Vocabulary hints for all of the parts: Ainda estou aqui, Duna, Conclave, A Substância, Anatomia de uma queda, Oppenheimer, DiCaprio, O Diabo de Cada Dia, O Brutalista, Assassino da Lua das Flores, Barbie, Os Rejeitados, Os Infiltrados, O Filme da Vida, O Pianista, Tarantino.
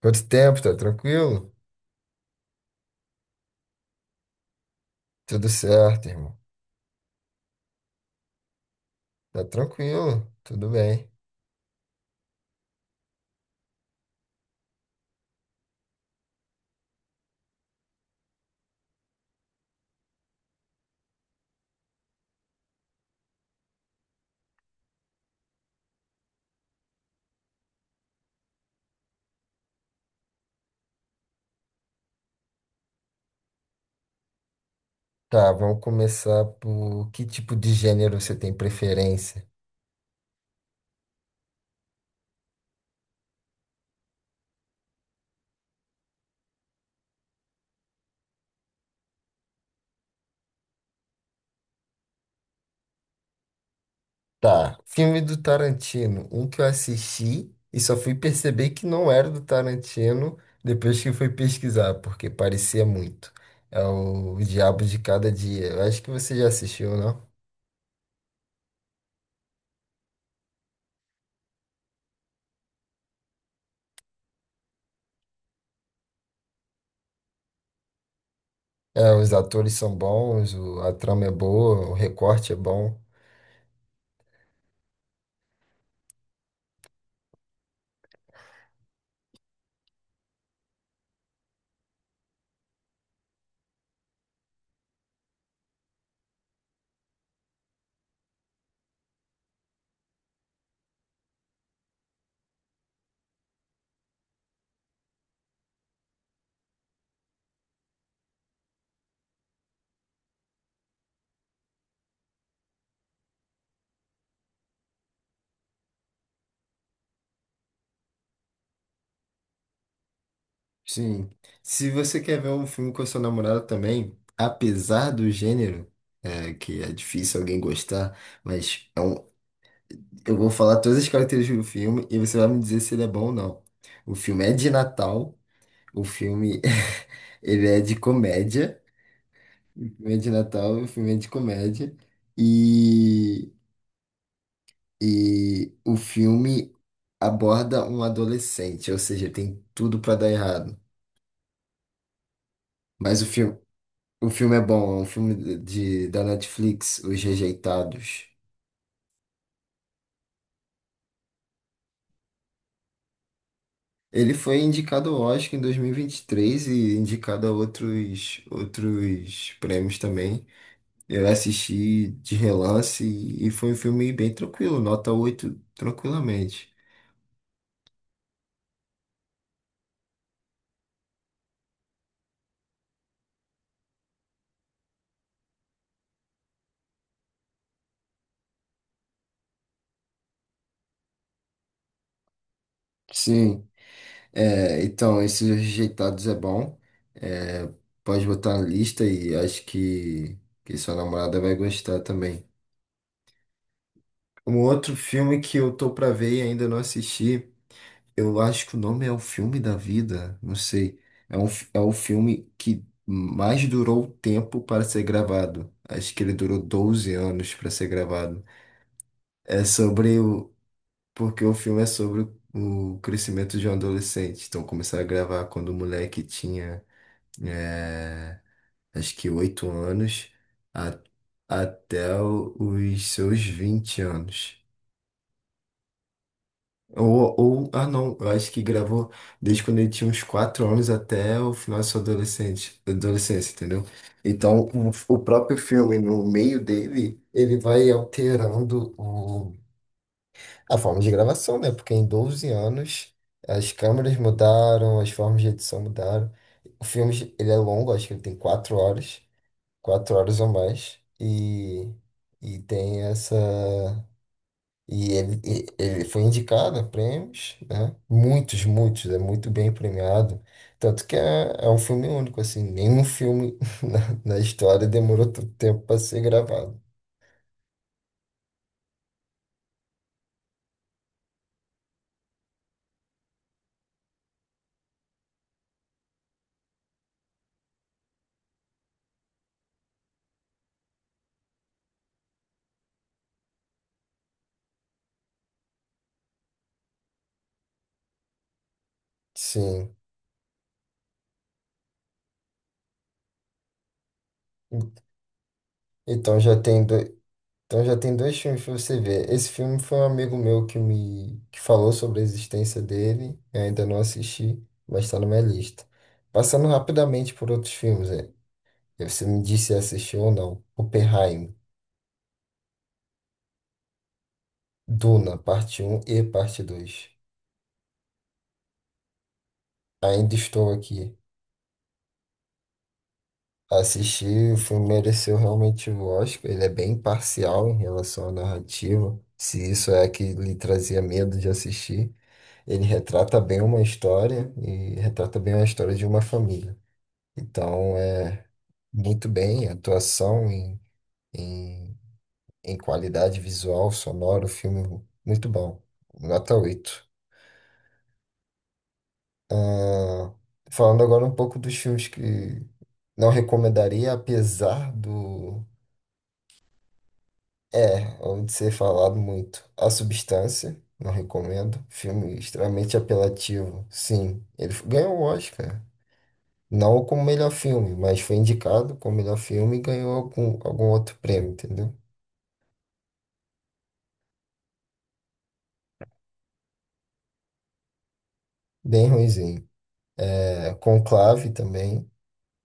Quanto tempo? Tá tranquilo? Tudo certo, irmão. Tá tranquilo, tudo bem. Tá, vamos começar por que tipo de gênero você tem preferência? Tá, filme do Tarantino, um que eu assisti e só fui perceber que não era do Tarantino depois que fui pesquisar, porque parecia muito. É o Diabo de Cada Dia. Eu acho que você já assistiu, não? É, os atores são bons, a trama é boa, o recorte é bom. Sim. Se você quer ver um filme com a sua namorada também, apesar do gênero, é, que é difícil alguém gostar, mas é um- eu vou falar todas as características do filme e você vai me dizer se ele é bom ou não. O filme é de Natal, o filme ele é de comédia, o filme é de Natal, o filme é de comédia, e, e o filme aborda um adolescente, ou seja, tem tudo pra dar errado. Mas o filme O filme é bom, é um filme de, da Netflix, Os Rejeitados. Ele foi indicado ao Oscar em 2023 e vinte e três e indicado a outros, outros prêmios também. Eu assisti de relance e foi um filme bem tranquilo, nota 8 tranquilamente. Sim, é, então, esses Rejeitados é bom. É, pode botar na lista e que sua namorada vai gostar também. Um outro filme que eu tô pra ver e ainda não assisti. Eu acho que o nome é O Filme da Vida, não sei. É, é o filme que mais durou tempo para ser gravado. Acho que ele durou doze anos para ser gravado. É sobre o. Porque o filme é sobre o crescimento de um adolescente. Então começaram a gravar quando o moleque tinha, é, acho que 8 anos a- até os seus 20 anos. Ah não, eu acho que gravou desde quando ele tinha uns 4 anos até o final da sua adolescência, entendeu? Então, o próprio filme, no meio dele, ele vai alterando a forma de gravação, né? Porque em doze anos, as câmeras mudaram, as formas de edição mudaram. O filme, ele é longo, acho que ele tem quatro horas ou mais, e tem essa... E ele, ele foi indicado a prêmios, né? Muitos, muitos, é muito bem premiado. Tanto que é, é um filme único, assim, nenhum filme na, na história demorou tanto tempo para ser gravado. Sim. Então já tem dois, então já tem dois filmes para você ver. Esse filme foi um amigo meu que falou sobre a existência dele, eu ainda não assisti, mas está na minha lista. Passando rapidamente por outros filmes, é. Você me disse se assistiu ou não. Oppenheimer. Duna, parte um e parte dois. Ainda estou aqui. Assisti, o filme mereceu realmente o Oscar. Ele é bem parcial em relação à narrativa. Se isso é que lhe trazia medo de assistir, ele retrata bem uma história e retrata bem a história de uma família. Então, é muito bem, atuação em, em qualidade visual, sonora, o filme muito bom. Nota oito. Ah, falando agora um pouco dos filmes que não recomendaria, apesar do. É, onde ser falado muito. A Substância, não recomendo. Filme extremamente apelativo. Sim, ganhou o Oscar. Não como melhor filme, mas foi indicado como melhor filme e ganhou algum outro prêmio, entendeu? Bem ruinzinho. É, Conclave também,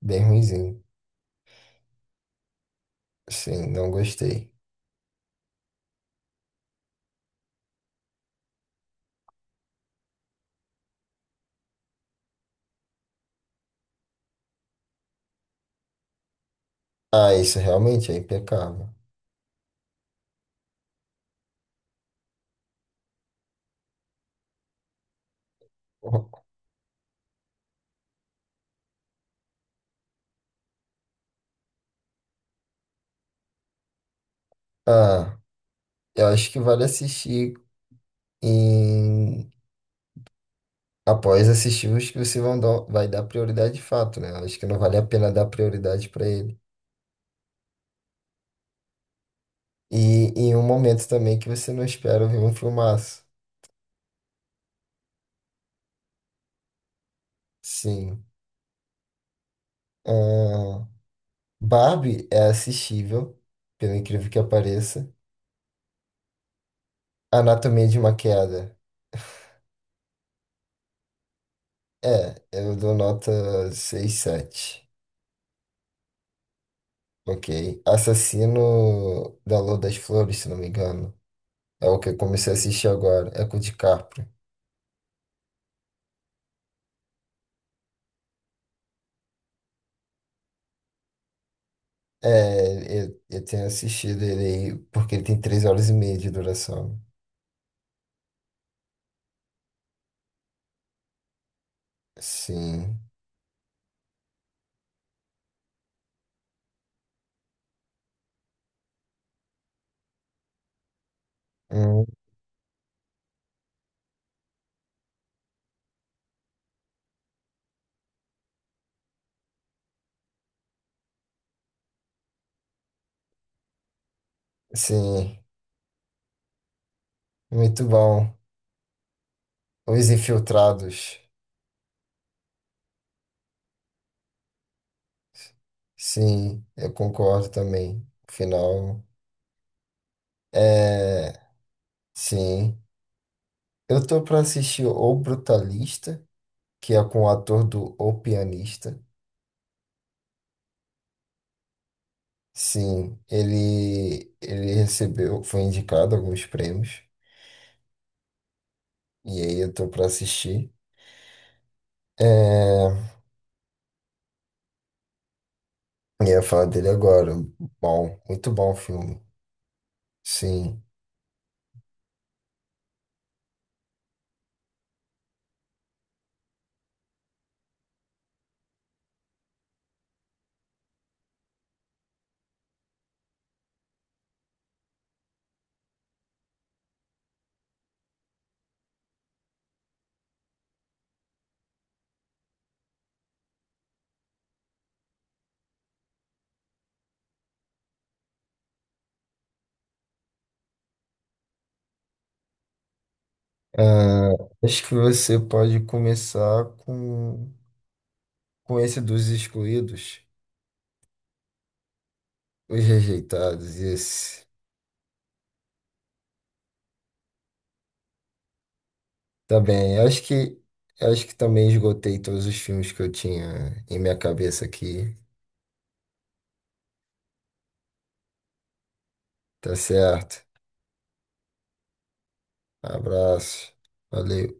bem ruinzinho. Sim, não gostei. Ah, isso realmente é impecável. Ah, eu acho que vale assistir. E após assistir os que você vai dar prioridade de fato, né? Acho que não vale a pena dar prioridade pra ele. E em um momento também que você não espera ver um filmaço. Sim. Ah, Barbie é assistível, pelo incrível que pareça. Anatomia de uma queda. É, eu dou nota seis, sete. Ok. Assassino da Lua das Flores, se não me engano. É o que eu comecei a assistir agora. É com o DiCaprio. É, eu tenho assistido ele aí, porque ele tem três horas e meia de duração. Sim. Hum, sim, muito bom. Os Infiltrados. Sim, eu concordo também. Final. É, sim. Eu tô pra assistir O Brutalista, que é com o ator do O Pianista. Sim, ele recebeu, foi indicado a alguns prêmios. E aí eu tô pra assistir. É, eu ia falar dele agora. Bom, muito bom o filme. Sim. Ah, acho que você pode começar com esse dos excluídos, os rejeitados, esse. Tá bem, acho que também esgotei todos os filmes que eu tinha em minha cabeça aqui. Tá certo. Abraço. Valeu.